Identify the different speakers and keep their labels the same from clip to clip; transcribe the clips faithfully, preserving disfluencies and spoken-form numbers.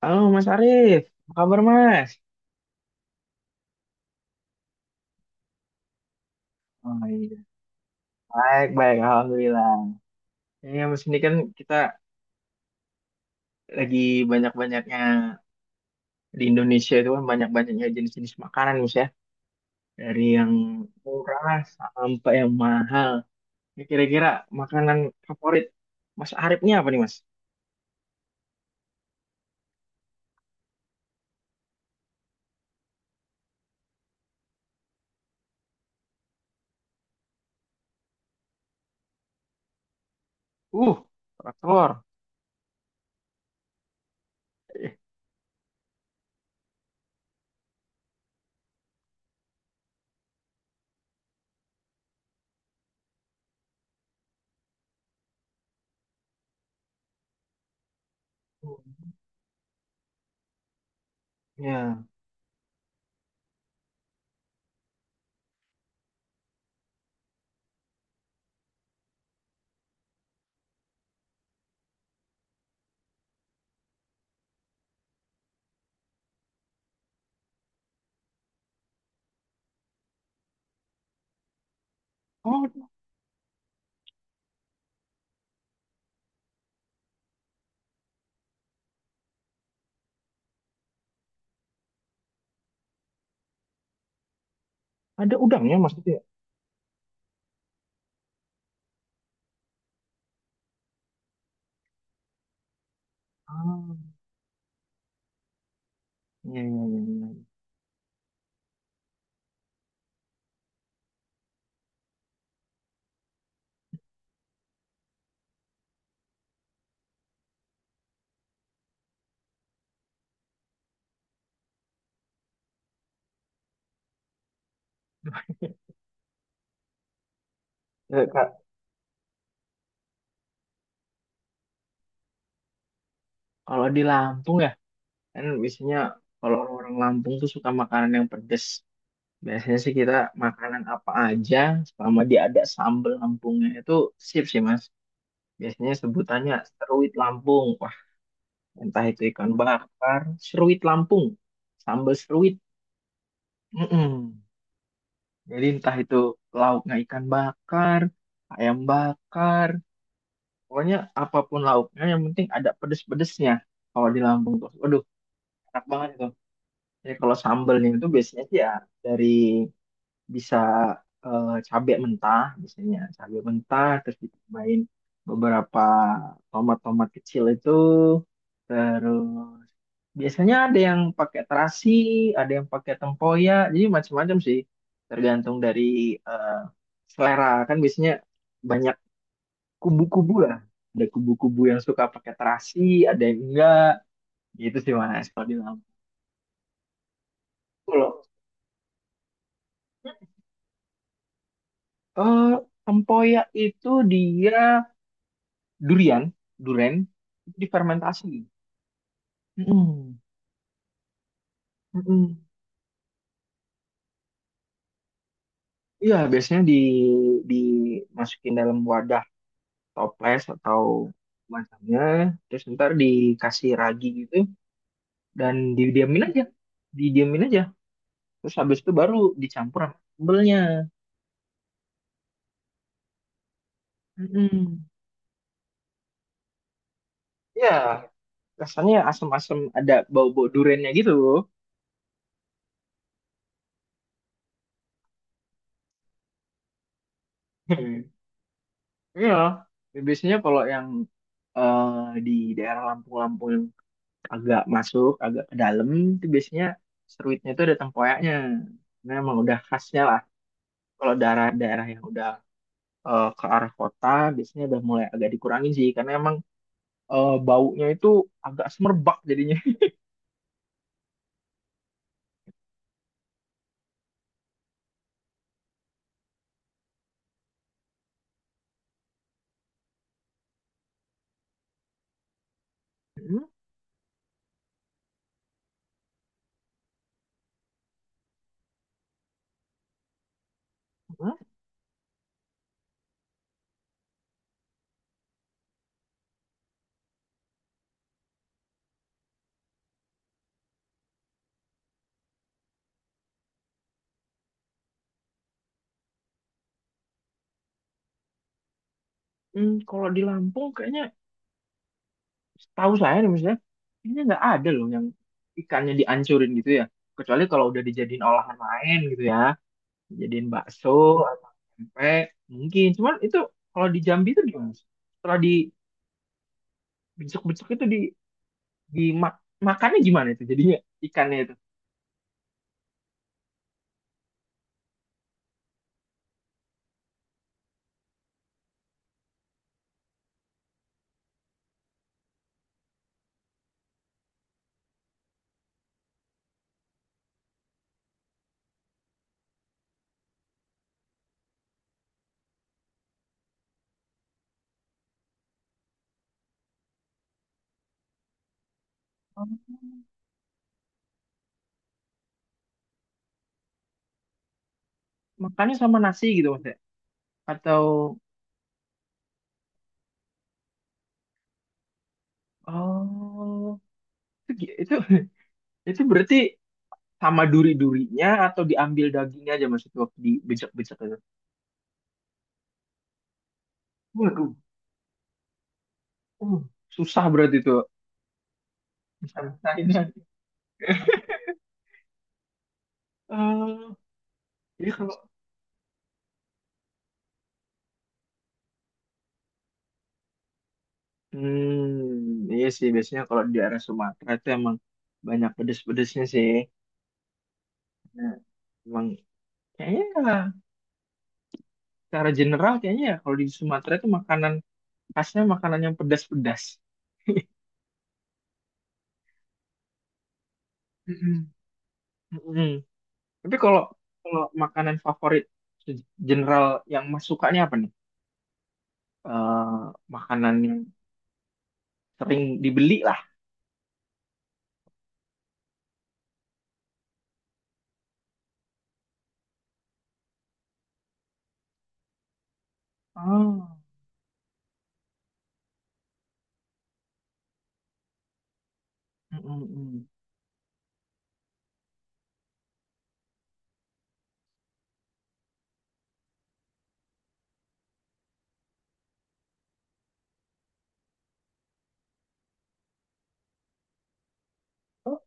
Speaker 1: Halo Mas Arief, apa kabar Mas? Oh iya, baik, baik, alhamdulillah. Ya, Mas ini kan kita lagi banyak-banyaknya di Indonesia itu kan banyak-banyaknya jenis-jenis makanan Mas ya. Dari yang murah sampai yang mahal. Ya, kira-kira makanan favorit Mas Arifnya apa nih Mas? Uh, kerak telur. Eh, ya. Oh, ada udangnya Mas itu ya? Ah, iya, iya, iya. iya. Ya, Kak, kalau di Lampung ya, kan biasanya kalau orang Lampung tuh suka makanan yang pedes. Biasanya sih kita makanan apa aja selama dia ada sambal Lampungnya itu sip sih Mas. Biasanya sebutannya seruit Lampung. Wah, entah itu ikan bakar, seruit Lampung, sambal seruit. Mm-mm. Jadi entah itu lauknya ikan bakar, ayam bakar, pokoknya apapun lauknya yang penting ada pedes-pedesnya kalau di Lampung tuh. Waduh, enak banget tuh. Jadi kalau sambelnya itu biasanya sih ya dari bisa eh, cabe mentah, biasanya cabai mentah terus ditambahin beberapa tomat-tomat kecil itu, terus biasanya ada yang pakai terasi, ada yang pakai tempoyak, jadi macam-macam sih, tergantung dari eh, selera kan biasanya banyak kubu-kubu lah, ada kubu-kubu yang suka pakai terasi, ada yang enggak, gitu sih mas kalau di Lampung. Kalau, eh, tempoyak itu dia durian, durian itu difermentasi. Mm-mm. Mm-mm. Iya, biasanya di dimasukin dalam wadah toples atau macamnya, terus ntar dikasih ragi gitu dan didiamin aja, didiamin aja. Terus habis itu baru dicampur sama sambelnya. Mm-mm. Iya, rasanya asam-asam ada bau-bau duriannya gitu. Iya, biasanya kalau yang eh, di daerah Lampung-Lampung yang agak masuk, agak ke dalam, itu biasanya seruitnya itu ada tempoyaknya. Nah, emang udah khasnya lah. Kalau daerah-daerah yang udah eh, ke arah kota, biasanya udah mulai agak dikurangin sih, karena emang eh, baunya itu agak semerbak jadinya. Hmm, hmm, hmm, kalau di Lampung kayaknya setahu saya nih misalnya, kayaknya nggak ada loh yang ikannya dihancurin gitu ya. Kecuali kalau udah dijadiin olahan lain gitu ya, dijadiin bakso atau tempe, mungkin. Cuman itu kalau di Jambi itu gimana sih? Setelah di besok-besok itu di di mak makannya gimana itu jadinya ikannya itu? Oh, makannya sama nasi gitu mas ya? Atau oh itu gi- itu, itu berarti sama duri-durinya atau diambil dagingnya aja mas itu waktu di becek-becek itu? Waduh, uh, susah berarti itu. Misalnya, eh jadi kalau hmm, iya sih biasanya kalau di daerah Sumatera itu emang banyak pedes-pedesnya sih. Nah, emang kayaknya secara general kayaknya ya kalau di Sumatera itu makanan khasnya makanan yang pedas-pedas. Mm-mm. Mm-mm. Tapi kalau kalau makanan favorit se- general yang mas sukanya apa nih? Eh, makanan yang sering dibeli lah. Oh. Mm-mm. Oh,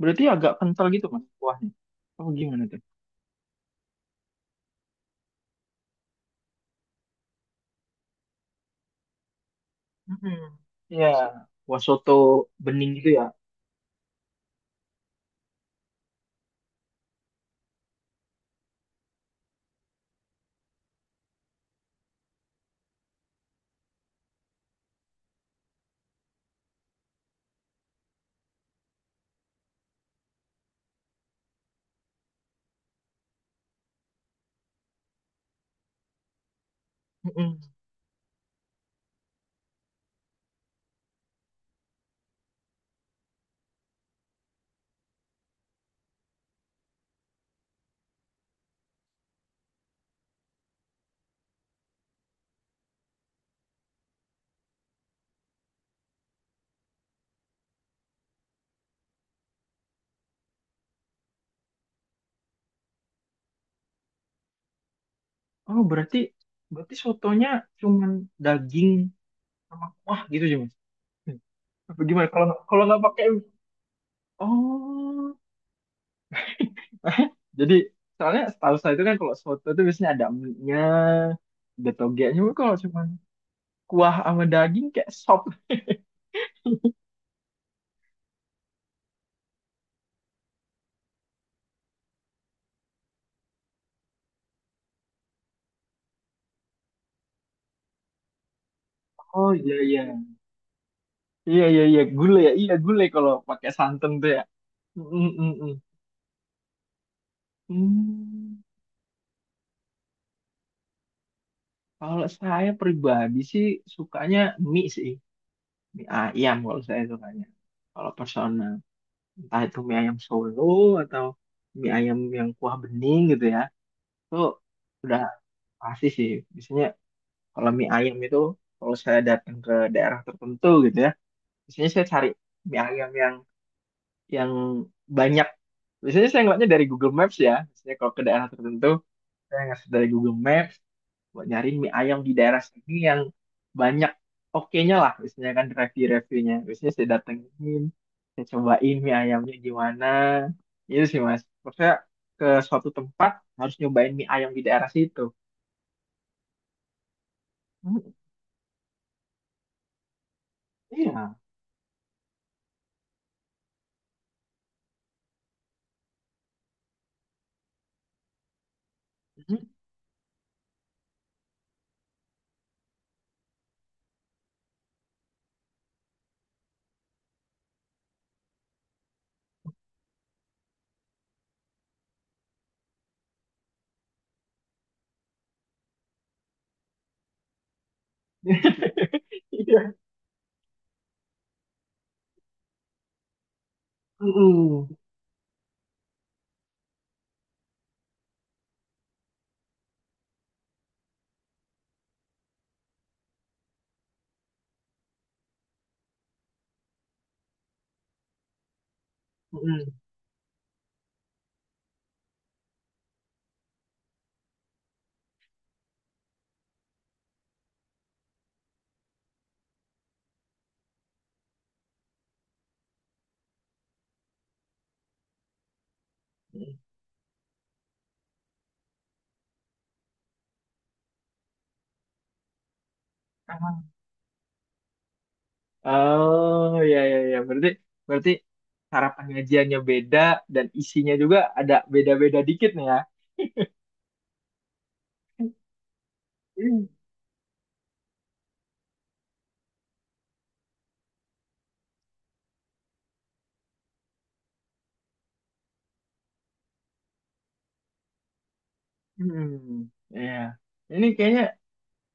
Speaker 1: berarti agak kental gitu mas kuahnya. Oh gimana tuh? Mm-mm. Ya, kuah soto bening gitu ya. Mm-mm. Oh berarti berarti sotonya cuman daging sama kuah gitu aja mas. Apa gimana kalau kalau nggak pakai oh jadi soalnya setahu saya itu kan kalau soto itu biasanya ada mie-nya ada togenya. Cuma kalau cuman kuah sama daging kayak sop. Oh iya iya, iya iya iya, gulai ya, iya gulai kalau pakai santan tuh ya. Mm, mm, mm. Hmm, kalau saya pribadi sih sukanya mie sih, mie ayam kalau saya sukanya, kalau personal entah itu mie ayam Solo atau mie ayam yang kuah bening gitu ya, itu udah pasti sih. Biasanya kalau mie ayam itu kalau saya datang ke daerah tertentu gitu ya, biasanya saya cari mie ayam yang yang banyak. Biasanya saya ngeliatnya dari Google Maps ya, biasanya kalau ke daerah tertentu saya ngasih dari Google Maps buat nyari mie ayam di daerah sini yang banyak oke-nya lah, biasanya kan review-reviewnya. Biasanya saya datengin, saya cobain mie ayamnya gimana. Itu sih mas, maksudnya ke suatu tempat harus nyobain mie ayam di daerah situ. Hmm, iya. Hmm. Iya. Mm-mm. Mm-mm. Emang. Oh ya ya ya. Berarti berarti cara pengajiannya beda dan isinya juga ada beda-beda dikit nih ya. Hmm. Ya. Ini kayaknya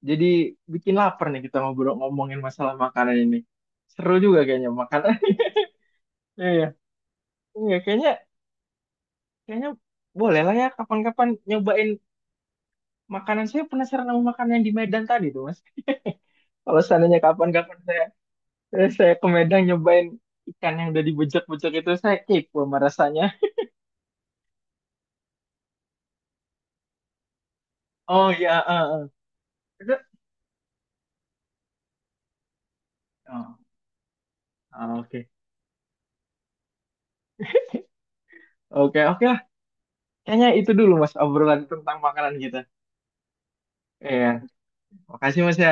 Speaker 1: jadi bikin lapar nih kita ngobrol ngomongin masalah makanan ini. Seru juga kayaknya makanan. Iya iya. Iya, kayaknya kayaknya boleh lah ya kapan-kapan nyobain makanan. Saya penasaran sama makanan yang di Medan tadi tuh, Mas. Kalau seandainya kapan-kapan terus saya ke Medan nyobain ikan yang udah dibejek-bejek itu, saya kepo sama rasanya. Oh ya, eh, eh. Itu- oh, ah, oke, oke, oke lah. Kayaknya itu dulu mas obrolan tentang makanan kita. Iya, makasih mas ya.